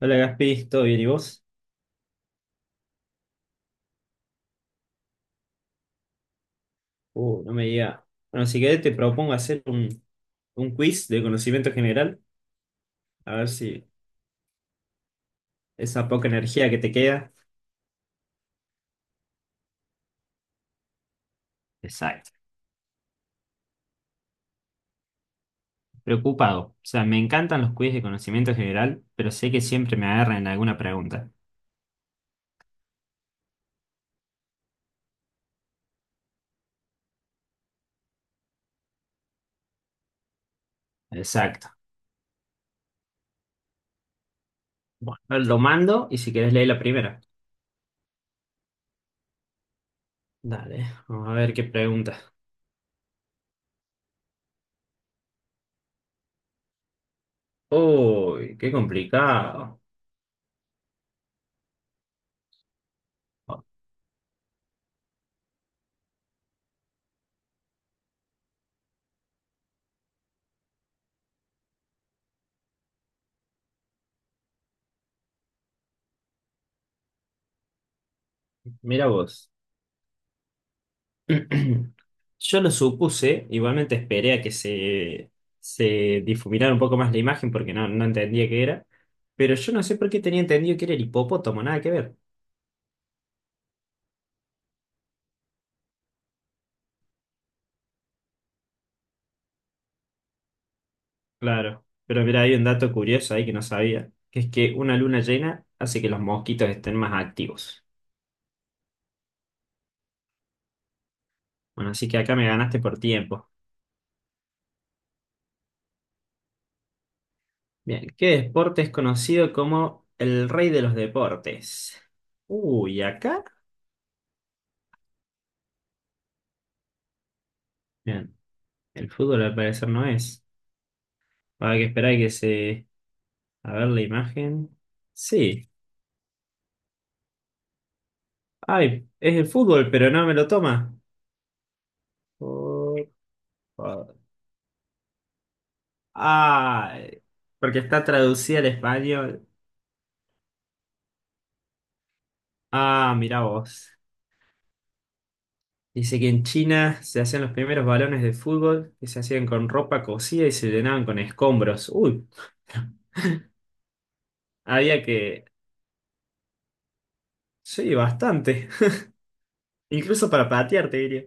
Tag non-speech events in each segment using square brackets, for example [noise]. Hola Gaspi, ¿todo bien? ¿Y vos? No me diga. Bueno, si querés te propongo hacer un quiz de conocimiento general, a ver si esa poca energía que te queda. Exacto. Preocupado. O sea, me encantan los quiz de conocimiento general, pero sé que siempre me agarran en alguna pregunta. Exacto. Bueno, lo mando y si querés leer la primera. Dale, vamos a ver qué pregunta. Uy, qué complicado. Mira vos. [clears throat] Yo lo supuse, igualmente esperé a que se difuminara un poco más la imagen porque no entendía qué era, pero yo no sé por qué tenía entendido que era el hipopótamo, nada que ver. Claro, pero mira, hay un dato curioso ahí que no sabía, que es que una luna llena hace que los mosquitos estén más activos. Bueno, así que acá me ganaste por tiempo. Bien, ¿qué deporte es conocido como el rey de los deportes? Uy, ¿acá? Bien, el fútbol al parecer no es. Va a haber que esperar a que se. A ver la imagen. Sí. Ay, es el fútbol, pero no me lo toma. Por- por- Ay, Porque está traducida al español. Ah, mirá vos. Dice que en China se hacían los primeros balones de fútbol que se hacían con ropa cocida y se llenaban con escombros. Uy, había que... Sí, bastante. [laughs] Incluso para patear, te diría.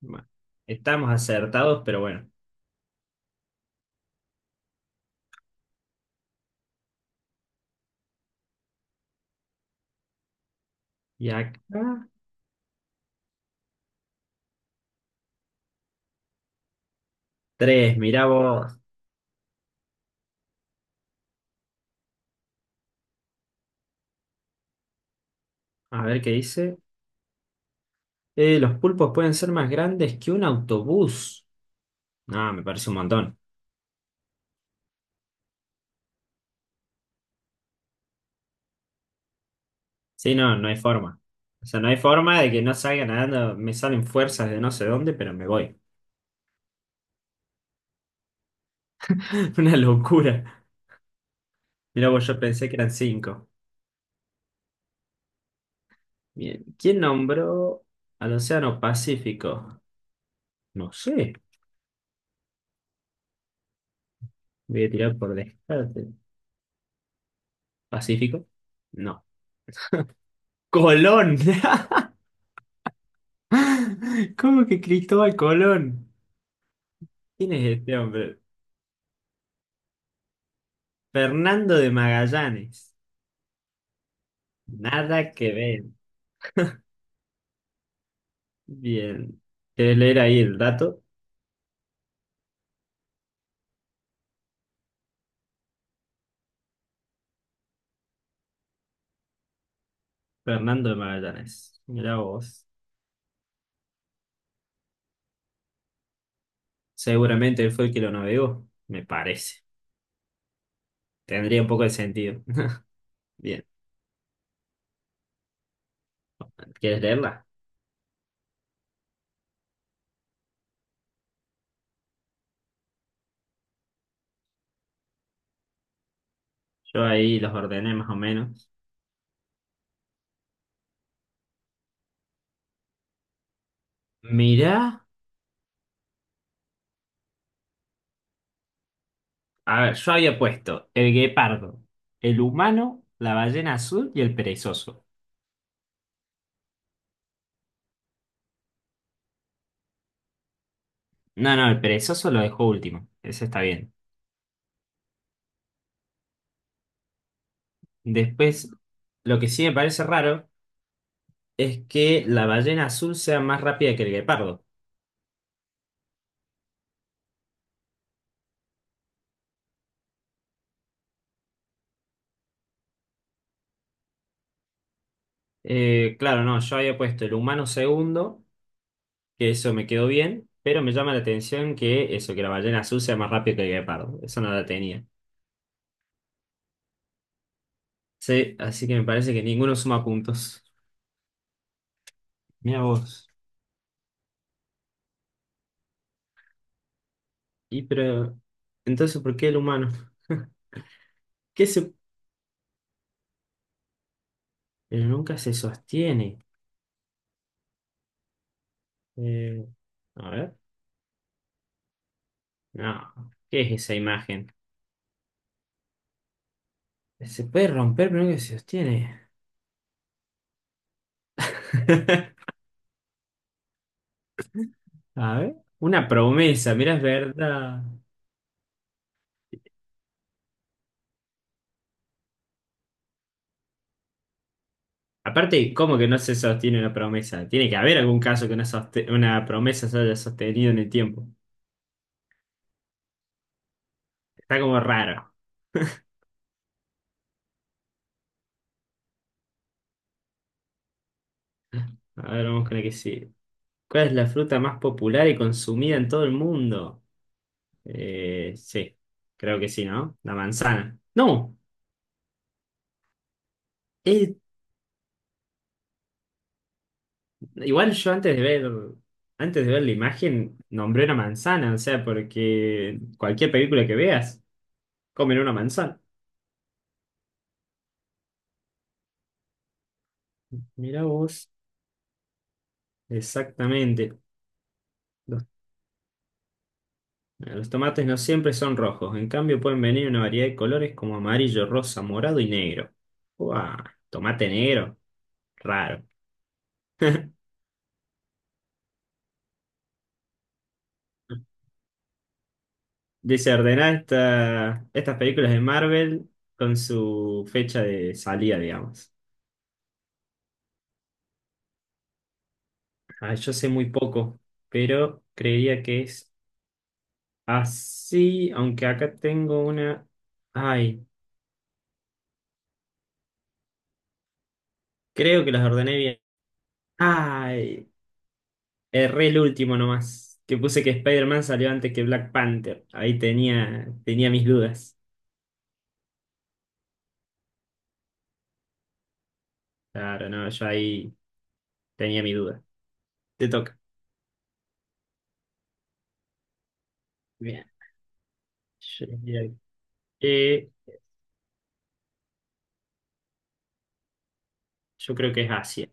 Bueno, estamos acertados, pero bueno. Y acá, tres, mirá vos. A ver qué dice. Los pulpos pueden ser más grandes que un autobús. No, me parece un montón. Sí, no, no hay forma. O sea, no hay forma de que no salga nadando. Me salen fuerzas de no sé dónde, pero me voy. [laughs] Una locura. Mirá, vos, yo pensé que eran cinco. Bien. ¿Quién nombró al Océano Pacífico? No sé. Voy a tirar por descarte. ¿Pacífico? No. ¡Colón! [laughs] ¿Cómo que Cristóbal Colón? ¿Quién es este hombre? Fernando de Magallanes. Nada que ver. Bien. ¿Querés leer ahí el dato? Fernando de Magallanes. Mirá vos. Seguramente él fue el que lo navegó. Me parece. Tendría un poco de sentido. [laughs] Bien. ¿Quieres leerla? Yo ahí los ordené más o menos. Mirá. A ver, yo había puesto el guepardo, el humano, la ballena azul y el perezoso. No, no, el perezoso lo dejó último. Ese está bien. Después, lo que sí me parece raro es que la ballena azul sea más rápida que el guepardo. Claro, no, yo había puesto el humano segundo, que eso me quedó bien, pero me llama la atención que eso, que la ballena azul sea más rápido que el guepardo. Eso no la tenía. Sí, así que me parece que ninguno suma puntos. Mira vos. Y pero, entonces, ¿por qué el humano? [laughs] ¿Qué se... Pero nunca se sostiene. Eh, a ver. No. ¿Qué es esa imagen? Se puede romper, pero nunca se sostiene. [laughs] A ver. Una promesa, mira, es verdad. Aparte, ¿cómo que no se sostiene una promesa? Tiene que haber algún caso que una promesa se haya sostenido en el tiempo. Está como raro. A ver, vamos con la que sí. ¿Cuál es la fruta más popular y consumida en todo el mundo? Sí, creo que sí, ¿no? La manzana. No, eh, Igual yo antes de antes de ver la imagen, nombré una manzana, o sea, porque cualquier película que veas, comen una manzana. Mirá vos, exactamente. Mira, los tomates no siempre son rojos, en cambio pueden venir una variedad de colores como amarillo, rosa, morado y negro. ¡Guau! ¿Tomate negro? Raro. [laughs] Dice ordenar estas películas de Marvel con su fecha de salida, digamos. Ah, yo sé muy poco, pero creería que es así, aunque acá tengo una... Ay, creo que las ordené bien. Ay, erré el último nomás, que puse que Spider-Man salió antes que Black Panther. Tenía mis dudas. Claro, no, yo ahí tenía mi duda. Te toca. Bien. Yo, diría que- yo creo que es Asia.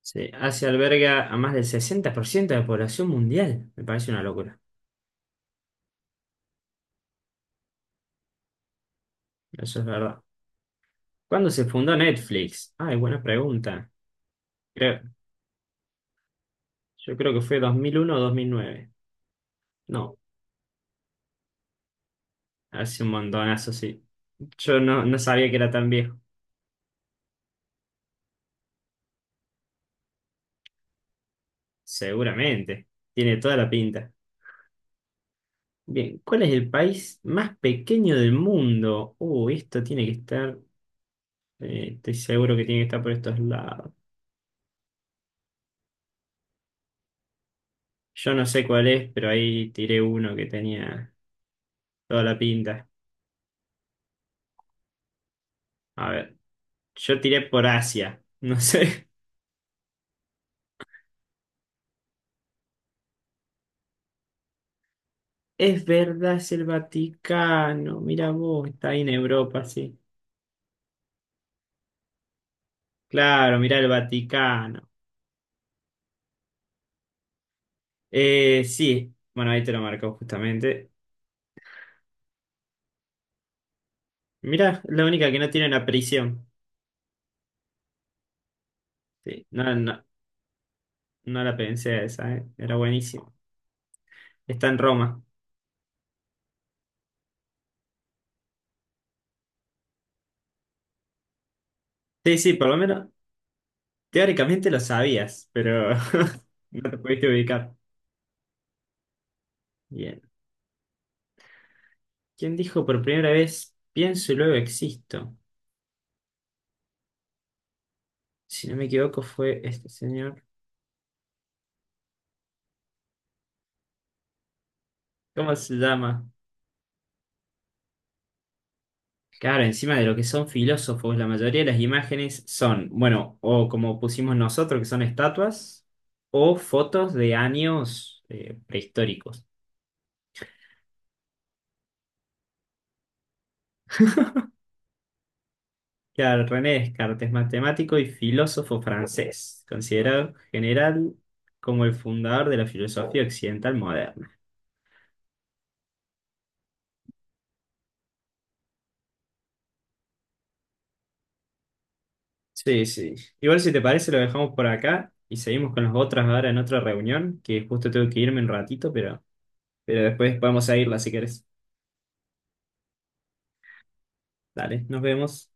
Sí, Asia alberga a más del 60% de la población mundial. Me parece una locura. Eso es verdad. ¿Cuándo se fundó Netflix? Ay, buena pregunta. Creo, yo creo que fue 2001 o 2009. No, hace un montonazo, sí. Yo no sabía que era tan viejo. Seguramente. Tiene toda la pinta. Bien, ¿cuál es el país más pequeño del mundo? Esto tiene que estar, estoy seguro que tiene que estar por estos lados. Yo no sé cuál es, pero ahí tiré uno que tenía toda la pinta. A ver, yo tiré por Asia, no sé. [laughs] Es verdad, es el Vaticano. Mira vos, está ahí en Europa, sí. Claro, mirá el Vaticano. Sí, bueno, ahí te lo marcó justamente. Mirá, la única que no tiene una prisión. Sí, no la pensé esa, ¿eh? Era buenísimo. Está en Roma. Sí, sí, por lo menos teóricamente lo sabías, pero [laughs] no te pudiste ubicar. Bien. ¿Quién dijo por primera vez, pienso y luego existo? Si no me equivoco, fue este señor. ¿Cómo se llama? Claro, encima de lo que son filósofos, la mayoría de las imágenes son, bueno, o como pusimos nosotros, que son estatuas, o fotos de años prehistóricos. Claro, René Descartes, matemático y filósofo francés, considerado general como el fundador de la filosofía occidental moderna. Sí, sí. Igual si te parece lo dejamos por acá y seguimos con las otras ahora en otra reunión, que justo tengo que irme un ratito, pero después podemos seguirla si querés. Dale, nos vemos.